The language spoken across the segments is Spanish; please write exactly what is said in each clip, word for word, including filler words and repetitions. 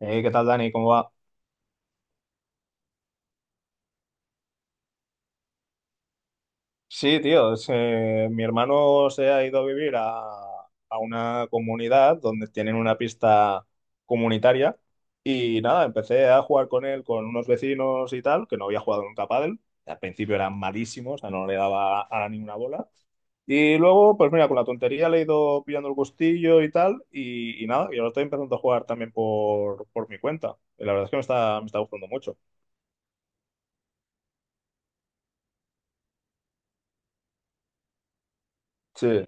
Eh, ¿qué tal, Dani? ¿Cómo va? Sí, tío, es, eh, mi hermano se ha ido a vivir a, a una comunidad donde tienen una pista comunitaria y nada, empecé a jugar con él, con unos vecinos y tal, que no había jugado nunca a pádel. Al principio era malísimo, o sea, no le daba a ninguna bola. Y luego, pues mira, con la tontería le he ido pillando el gustillo y tal, y, y nada, y ahora estoy empezando a jugar también por, por mi cuenta. Y la verdad es que me está, me está gustando mucho. Sí.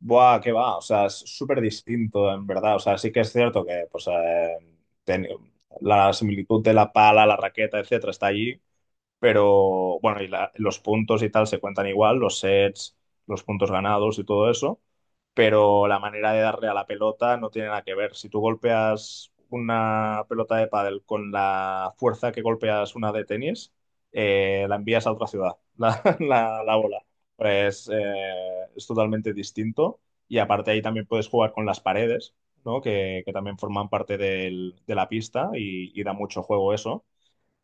Buah, qué va, o sea, es súper distinto, en verdad. O sea, sí que es cierto que pues, eh, ten- la similitud de la pala, la raqueta, etcétera, está allí, pero bueno, y la- los puntos y tal se cuentan igual, los sets, los puntos ganados y todo eso. Pero la manera de darle a la pelota no tiene nada que ver. Si tú golpeas una pelota de pádel con la fuerza que golpeas una de tenis, eh, la envías a otra ciudad, la, la- la bola. Pues eh, es totalmente distinto. Y aparte ahí también puedes jugar con las paredes, ¿no? Que, que también forman parte del- de la pista y y da mucho juego eso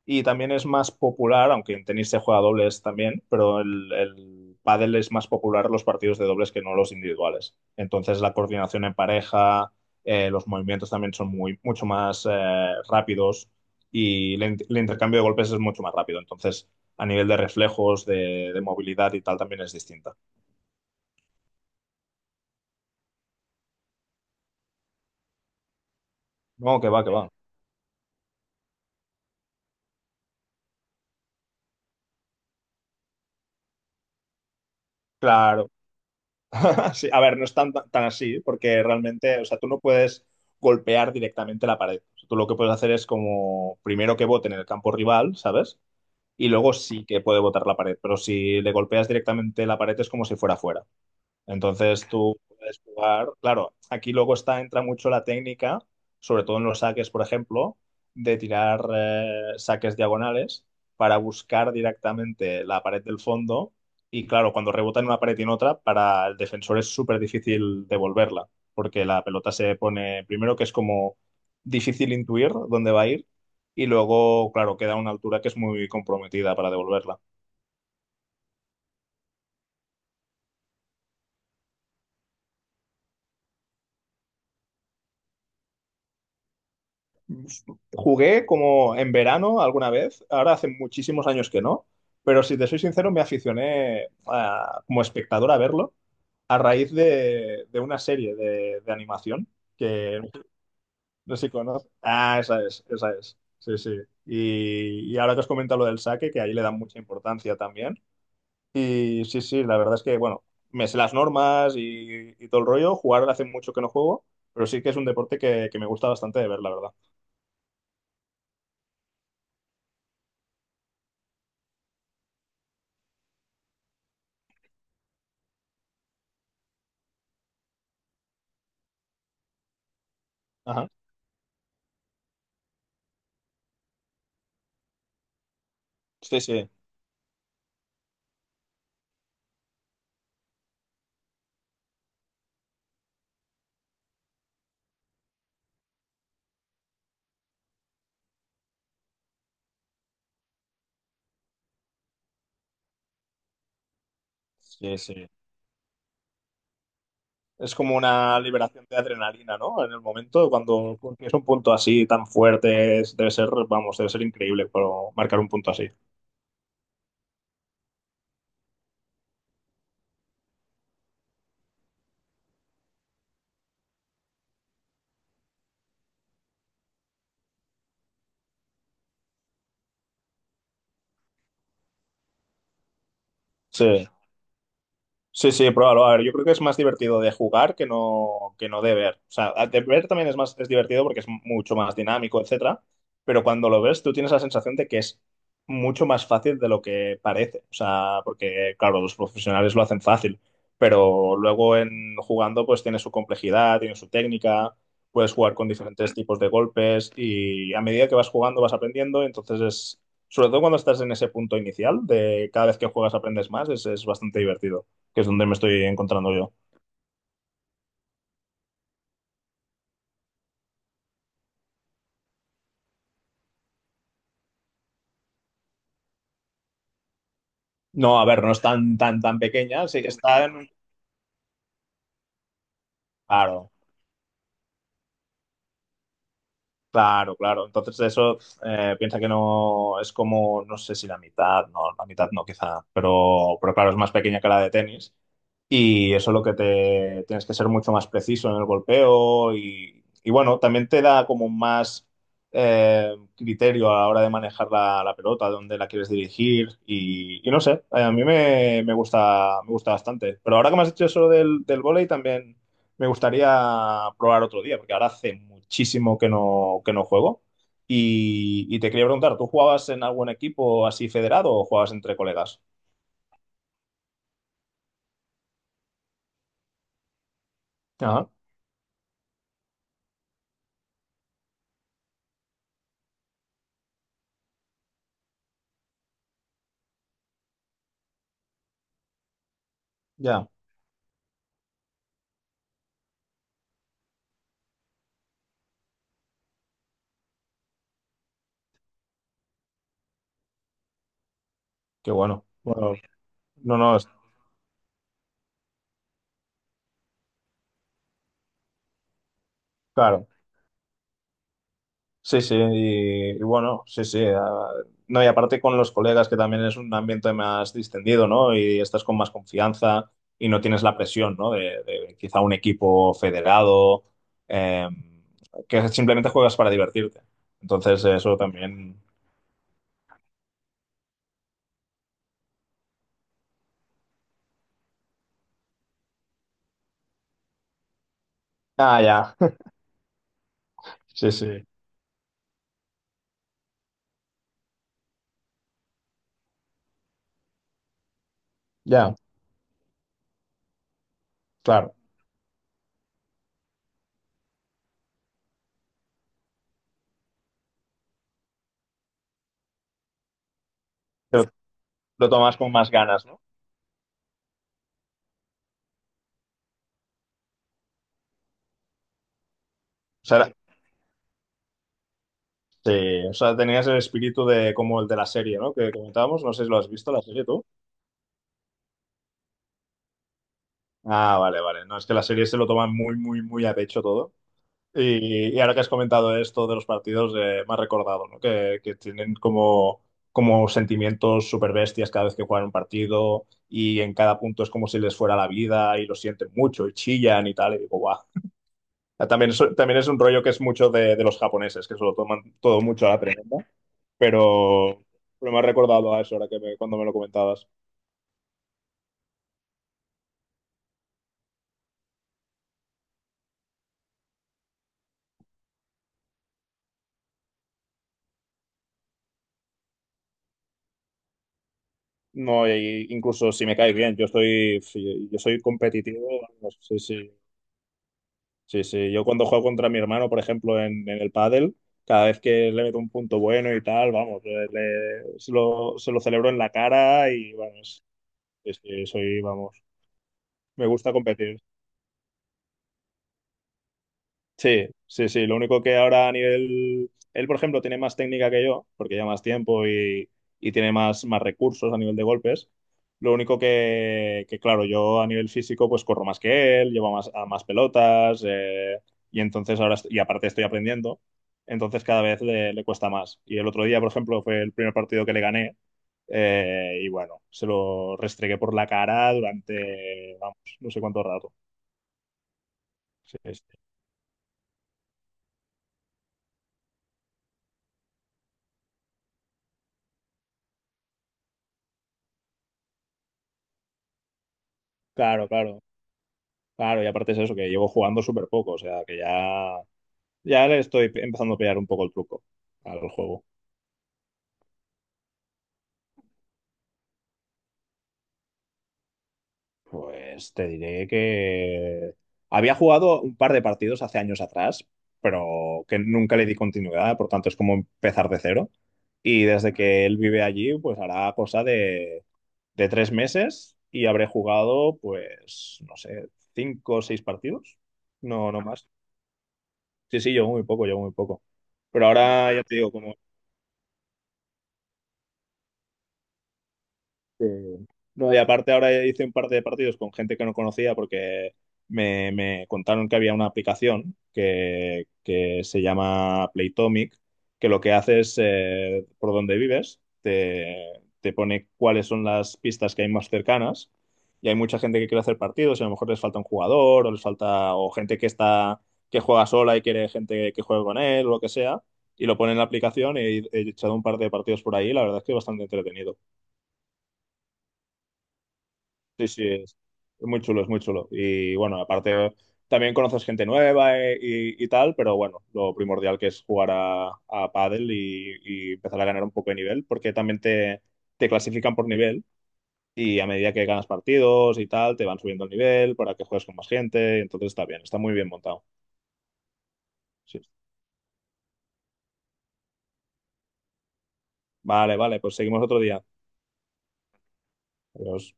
y también es más popular, aunque en tenis se juega a dobles también, pero el, el pádel es más popular los partidos de dobles que no los individuales. Entonces la coordinación en pareja, eh, los movimientos también son muy, mucho más eh, rápidos y el, in- el intercambio de golpes es mucho más rápido. Entonces a nivel de reflejos, de, de movilidad y tal también es distinta. No, que va, que va. Claro. Sí, a ver, no es tan, tan así, porque realmente, o sea, tú no puedes golpear directamente la pared. Tú lo que puedes hacer es como primero que vote en el campo rival, ¿sabes? Y luego sí que puede votar la pared, pero si le golpeas directamente la pared es como si fuera fuera. Entonces tú puedes jugar, claro, aquí luego está, entra mucho la técnica, sobre todo en los saques, por ejemplo, de tirar eh, saques diagonales para buscar directamente la pared del fondo y claro, cuando rebota en una pared y en otra, para el defensor es súper difícil devolverla, porque la pelota se pone, primero que es como difícil intuir dónde va a ir y luego, claro, queda a una altura que es muy comprometida para devolverla. Jugué como en verano alguna vez, ahora hace muchísimos años que no, pero si te soy sincero, me aficioné a- como espectador a verlo a raíz de, de una serie de, de animación que no sé si conoces. Ah, esa es, esa es. Sí, sí. Y, y ahora que has comentado lo del saque, que ahí le dan mucha importancia también. Y sí, sí, la verdad es que, bueno, me sé las normas y, y todo el rollo. Jugar hace mucho que no juego, pero sí que es un deporte que, que me gusta bastante de ver, la verdad. Ajá. Sí, sí. Sí, sí. Es como una liberación de adrenalina, ¿no? En el momento, cuando consigues un punto así tan fuerte, es- debe ser, vamos, debe ser increíble pero marcar un punto así. Sí. Sí, sí, pruébalo. A ver, yo creo que es más divertido de jugar que no, que no de ver. O sea, de ver también es más, es divertido porque es mucho más dinámico, etcétera. Pero cuando lo ves, tú tienes la sensación de que es mucho más fácil de lo que parece. O sea, porque, claro, los profesionales lo hacen fácil. Pero luego en jugando, pues tiene su complejidad, tiene su técnica, puedes jugar con diferentes tipos de golpes y a medida que vas jugando vas aprendiendo. Entonces es, sobre todo cuando estás en ese punto inicial, de cada vez que juegas aprendes más, es es bastante divertido que es donde me estoy encontrando yo. No, a ver, no es tan, tan, tan pequeña, sí que está en... Claro, claro, claro. Entonces eso eh, piensa que no es como, no sé si la mitad, no, la mitad no quizá, pero, pero claro, es más pequeña que la de tenis. Y eso es lo que te tienes que ser mucho más preciso en el golpeo y, y bueno, también te da como más eh, criterio a la hora de manejar la, la pelota, dónde la quieres dirigir y, y no sé, eh, a mí me, me gusta, me gusta bastante. Pero ahora que me has dicho eso del, del vóley también me gustaría probar otro día, porque ahora hace muchísimo que no, que no juego. Y, y te quería preguntar, ¿tú jugabas en algún equipo así federado o jugabas entre colegas? Ajá, ya, qué bueno. Bueno, no, no, es- claro. Sí, sí, y, y bueno, sí, sí. Ah, no, y aparte con los colegas, que también es un ambiente más distendido, ¿no? Y estás con más confianza y no tienes la presión, ¿no? De, de quizá un equipo federado, eh, que simplemente juegas para divertirte. Entonces, eso también. Ah, ya. Sí, sí. Ya, claro. Pero lo tomas con más ganas, ¿no? O sea, era- sí, o sea, tenías el espíritu de como el de la serie, ¿no? Que comentábamos, no sé si lo has visto, la serie tú. Ah, vale, vale. No, es que las series se lo toman muy, muy, muy a pecho todo. Y, y ahora que has comentado esto de los partidos, eh, me has recordado, ¿no? Que, que tienen como, como sentimientos súper bestias cada vez que juegan un partido y en cada punto es como si les fuera la vida y lo sienten mucho y chillan y tal. Y digo, guau. También es, también es un rollo que es mucho de, de los japoneses, que se lo toman todo mucho a la tremenda. Pero, pero me has recordado a eso ahora que me- cuando me lo comentabas. No, y incluso si me caes bien, yo estoy, si, yo soy competitivo. Vamos, sí, sí, sí, sí. Yo cuando juego contra mi hermano, por ejemplo, en, en el pádel, cada vez que le meto un punto bueno y tal, vamos, eh, le- se lo, se lo celebro en la cara y vamos, es que soy, vamos, me gusta competir. Sí, sí, sí. Lo único que ahora a nivel... Él, por ejemplo, tiene más técnica que yo, porque lleva más tiempo y, y tiene más, más, recursos a nivel de golpes. Lo único que, que, claro, yo a nivel físico pues corro más que él, llevo más, a más pelotas eh, y entonces ahora, est- y aparte estoy aprendiendo, entonces cada vez le, le cuesta más. Y el otro día, por ejemplo, fue el primer partido que le gané, eh, y bueno, se lo restregué por la cara durante, vamos, no sé cuánto rato. Sí, sí. Claro, claro. Claro, y aparte es eso, que llevo jugando súper poco, o sea, que ya, ya le estoy empezando a pillar un poco el truco al juego. Pues te diré que había jugado un par de partidos hace años atrás, pero que nunca le di continuidad, por tanto es como empezar de cero. Y desde que él vive allí, pues hará cosa de, de tres meses y habré jugado, pues, no sé, cinco o seis partidos. No, no más. Sí, sí, llevo muy poco, llevo muy poco. Pero ahora ya te digo, como Eh, no, y aparte ahora hice un par de partidos con gente que no conocía porque me, me contaron que había una aplicación que, que se llama Playtomic, que lo que hace es, eh, por donde vives, te, te pone cuáles son las pistas que hay más cercanas. Y hay mucha gente que quiere hacer partidos y a lo mejor les falta un jugador o les falta o gente que está que juega sola y quiere gente que juegue con él o lo que sea y lo pone en la aplicación y he echado un par de partidos por ahí. La verdad es que es bastante entretenido. Sí, sí, es es muy chulo, es muy chulo. Y bueno, aparte también conoces gente nueva eh, y, y tal, pero bueno, lo primordial que es jugar a, a pádel y, y empezar a ganar un poco de nivel, porque también te, te clasifican por nivel y a medida que ganas partidos y tal, te van subiendo el nivel para que juegues con más gente, entonces está bien, está muy bien montado. Sí. Vale, vale, pues seguimos otro día. Adiós.